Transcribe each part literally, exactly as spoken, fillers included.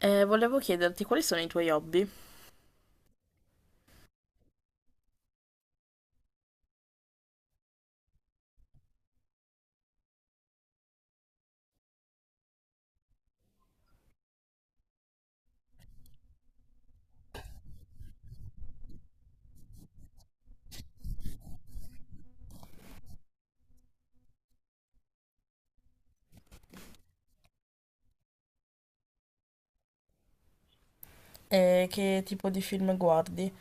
Eh, volevo chiederti quali sono i tuoi hobby? E che tipo di film guardi?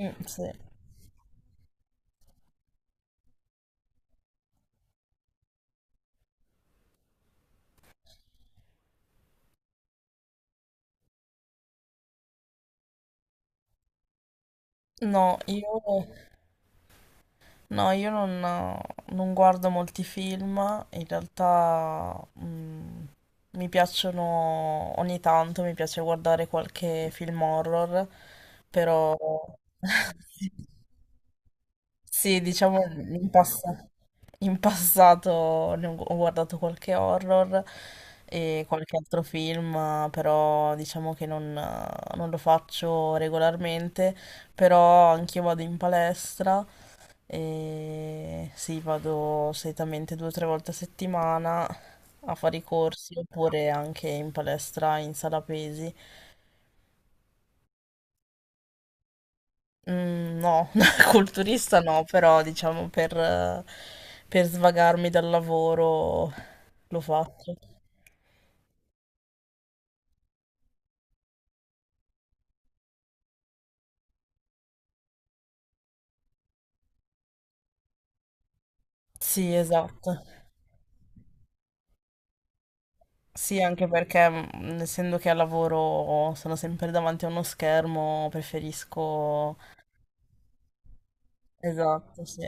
Mm, sì. No, io, no, io non, non guardo molti film, in realtà mm, mi piacciono ogni tanto, mi piace guardare qualche film horror, però sì, diciamo in passato. In passato ne ho gu- ho guardato qualche horror e qualche altro film, però diciamo che non, non lo faccio regolarmente, però anch'io vado in palestra e sì, vado solitamente due o tre volte a settimana a fare i corsi oppure anche in palestra in sala pesi. Mm, no, culturista no, però diciamo per, per svagarmi dal lavoro lo faccio. Sì, esatto. Sì, anche perché mm, essendo che al lavoro sono sempre davanti a uno schermo, preferisco... Esatto, sì.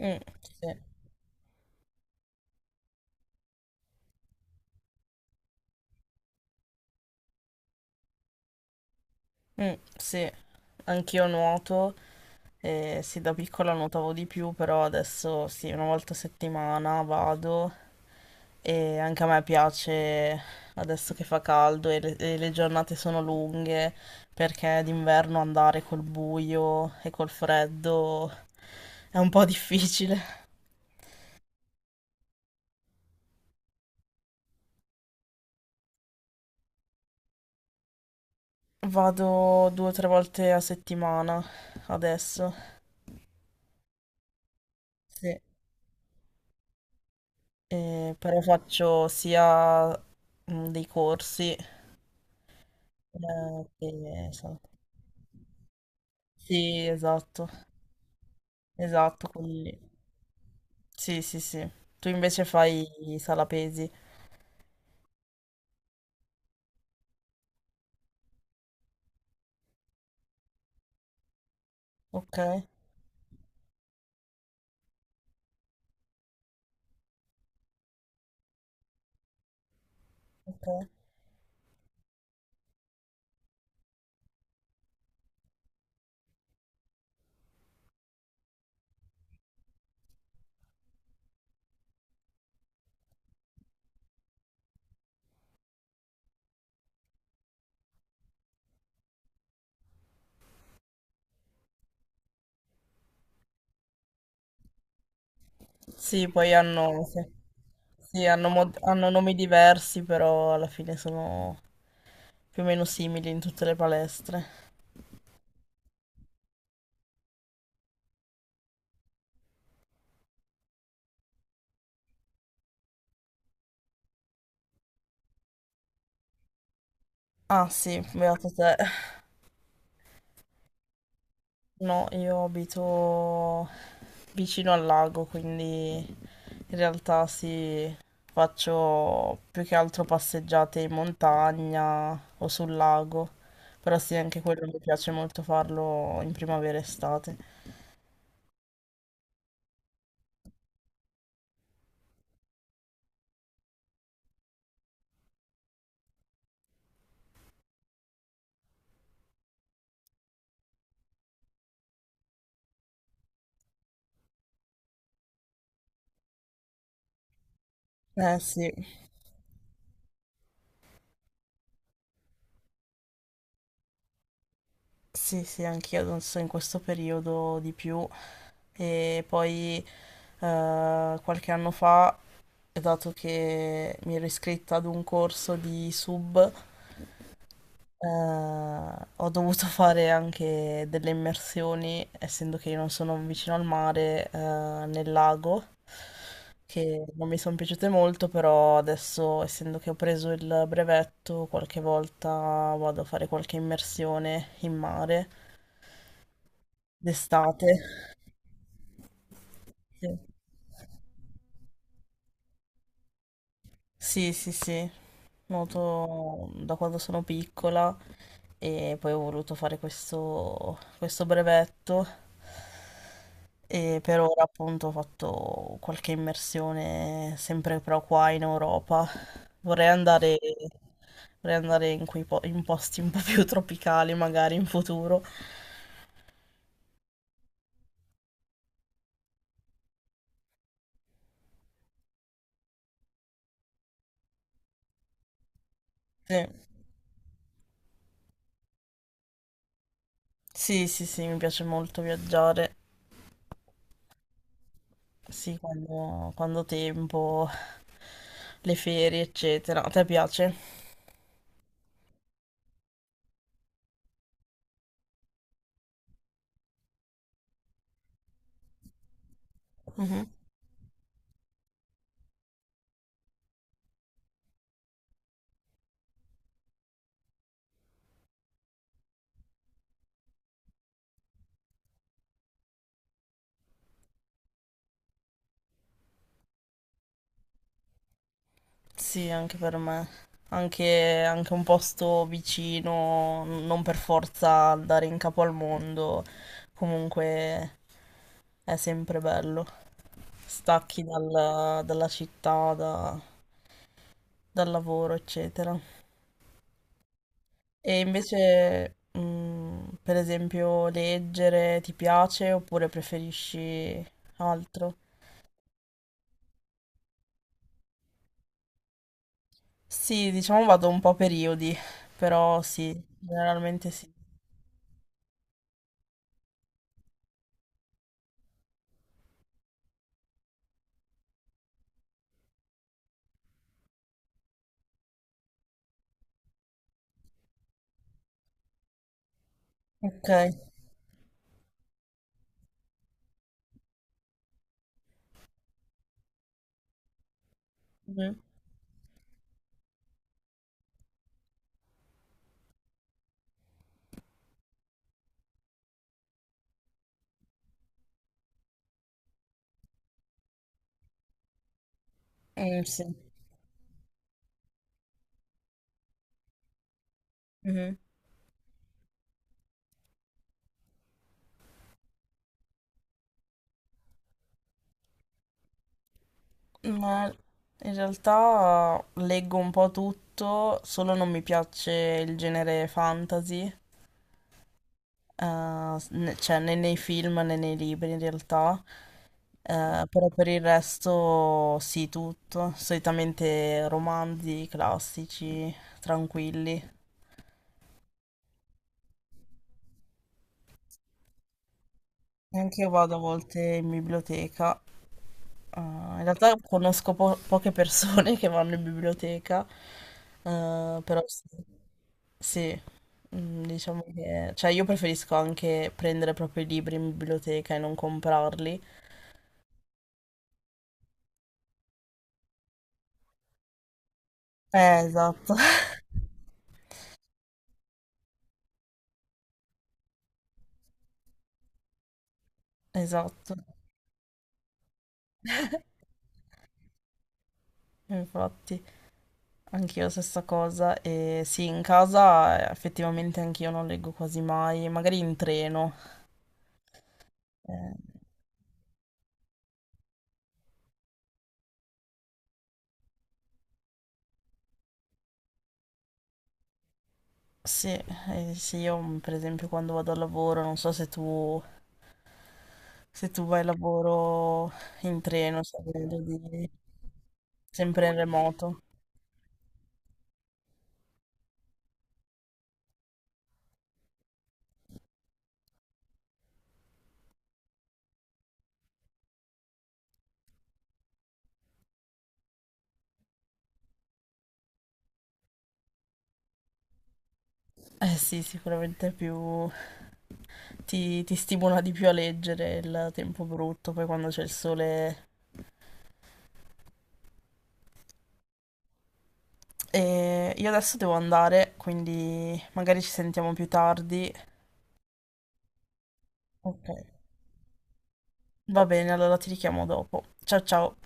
Mm, sì. Mm, sì. Anch'io nuoto, e sì, da piccola nuotavo di più, però adesso sì, una volta a settimana vado e anche a me piace adesso che fa caldo e le, e le giornate sono lunghe, perché d'inverno andare col buio e col freddo è un po' difficile. Vado due o tre volte a settimana adesso, sì. Eh, però faccio sia mm, dei corsi eh, che... so- Sì, esatto, esatto, quelli lì. Sì, sì, sì. Tu invece fai sala pesi, ok? Ok. Sì, poi hanno, sì, sì, hanno, mod- hanno nomi diversi, però alla fine sono più o meno simili in tutte le palestre. Ah sì, beato te. No, io abito vicino al lago, quindi in realtà sì, faccio più che altro passeggiate in montagna o sul lago, però sì, anche quello mi piace molto farlo in primavera e estate. Eh sì, sì, sì, anch'io adesso in questo periodo di più e poi eh, qualche anno fa, dato che mi ero iscritta ad un corso di sub, Eh, ho dovuto fare anche delle immersioni, essendo che io non sono vicino al mare, eh, nel lago, che non mi sono piaciute molto, però adesso, essendo che ho preso il brevetto, qualche volta vado a fare qualche immersione in mare d'estate. Sì, sì, sì, sì. Nuoto da quando sono piccola e poi ho voluto fare questo, questo brevetto. E per ora appunto ho fatto qualche immersione sempre però qua in Europa. Vorrei andare, vorrei andare in quei po- in posti un po' più tropicali magari in futuro. Sì, sì, sì, sì, mi piace molto viaggiare. Sì, quando, quando ho tempo, le ferie, eccetera. A te piace? Mhm. Sì, anche per me. Anche, anche un posto vicino, n- non per forza andare in capo al mondo, comunque è sempre bello. Stacchi dal- dalla città, da- dal lavoro, eccetera. E invece, mm, per esempio, leggere ti piace oppure preferisci altro? Sì, diciamo vado un po' a periodi, però sì, generalmente sì. Ok. Mhm. Mm, sì. Ma in realtà leggo un po' tutto, solo non mi piace il genere fantasy, eh, s- ne- cioè né nei film né nei libri in realtà. Eh, però per il resto sì, tutto, solitamente romanzi classici, tranquilli. Anche io vado a volte in biblioteca, eh, in realtà conosco po- poche persone che vanno in biblioteca, eh, però sì. Sì. Mm, diciamo che, cioè io preferisco anche prendere proprio i libri in biblioteca e non comprarli. Eh, esatto. Esatto. Infatti, anch'io stessa cosa. E sì, in casa eh, effettivamente anch'io non leggo quasi mai, magari in treno. Eh, sì, eh, sì, io mm, per esempio quando vado al lavoro, non so se tu, se tu vai al lavoro in treno, se vedo di- sempre in remoto. Eh sì, sicuramente è più, ti, ti stimola di più a leggere il tempo brutto, poi quando c'è il sole. E io adesso devo andare, quindi magari ci sentiamo più tardi. Ok. Va bene, allora ti richiamo dopo. Ciao ciao.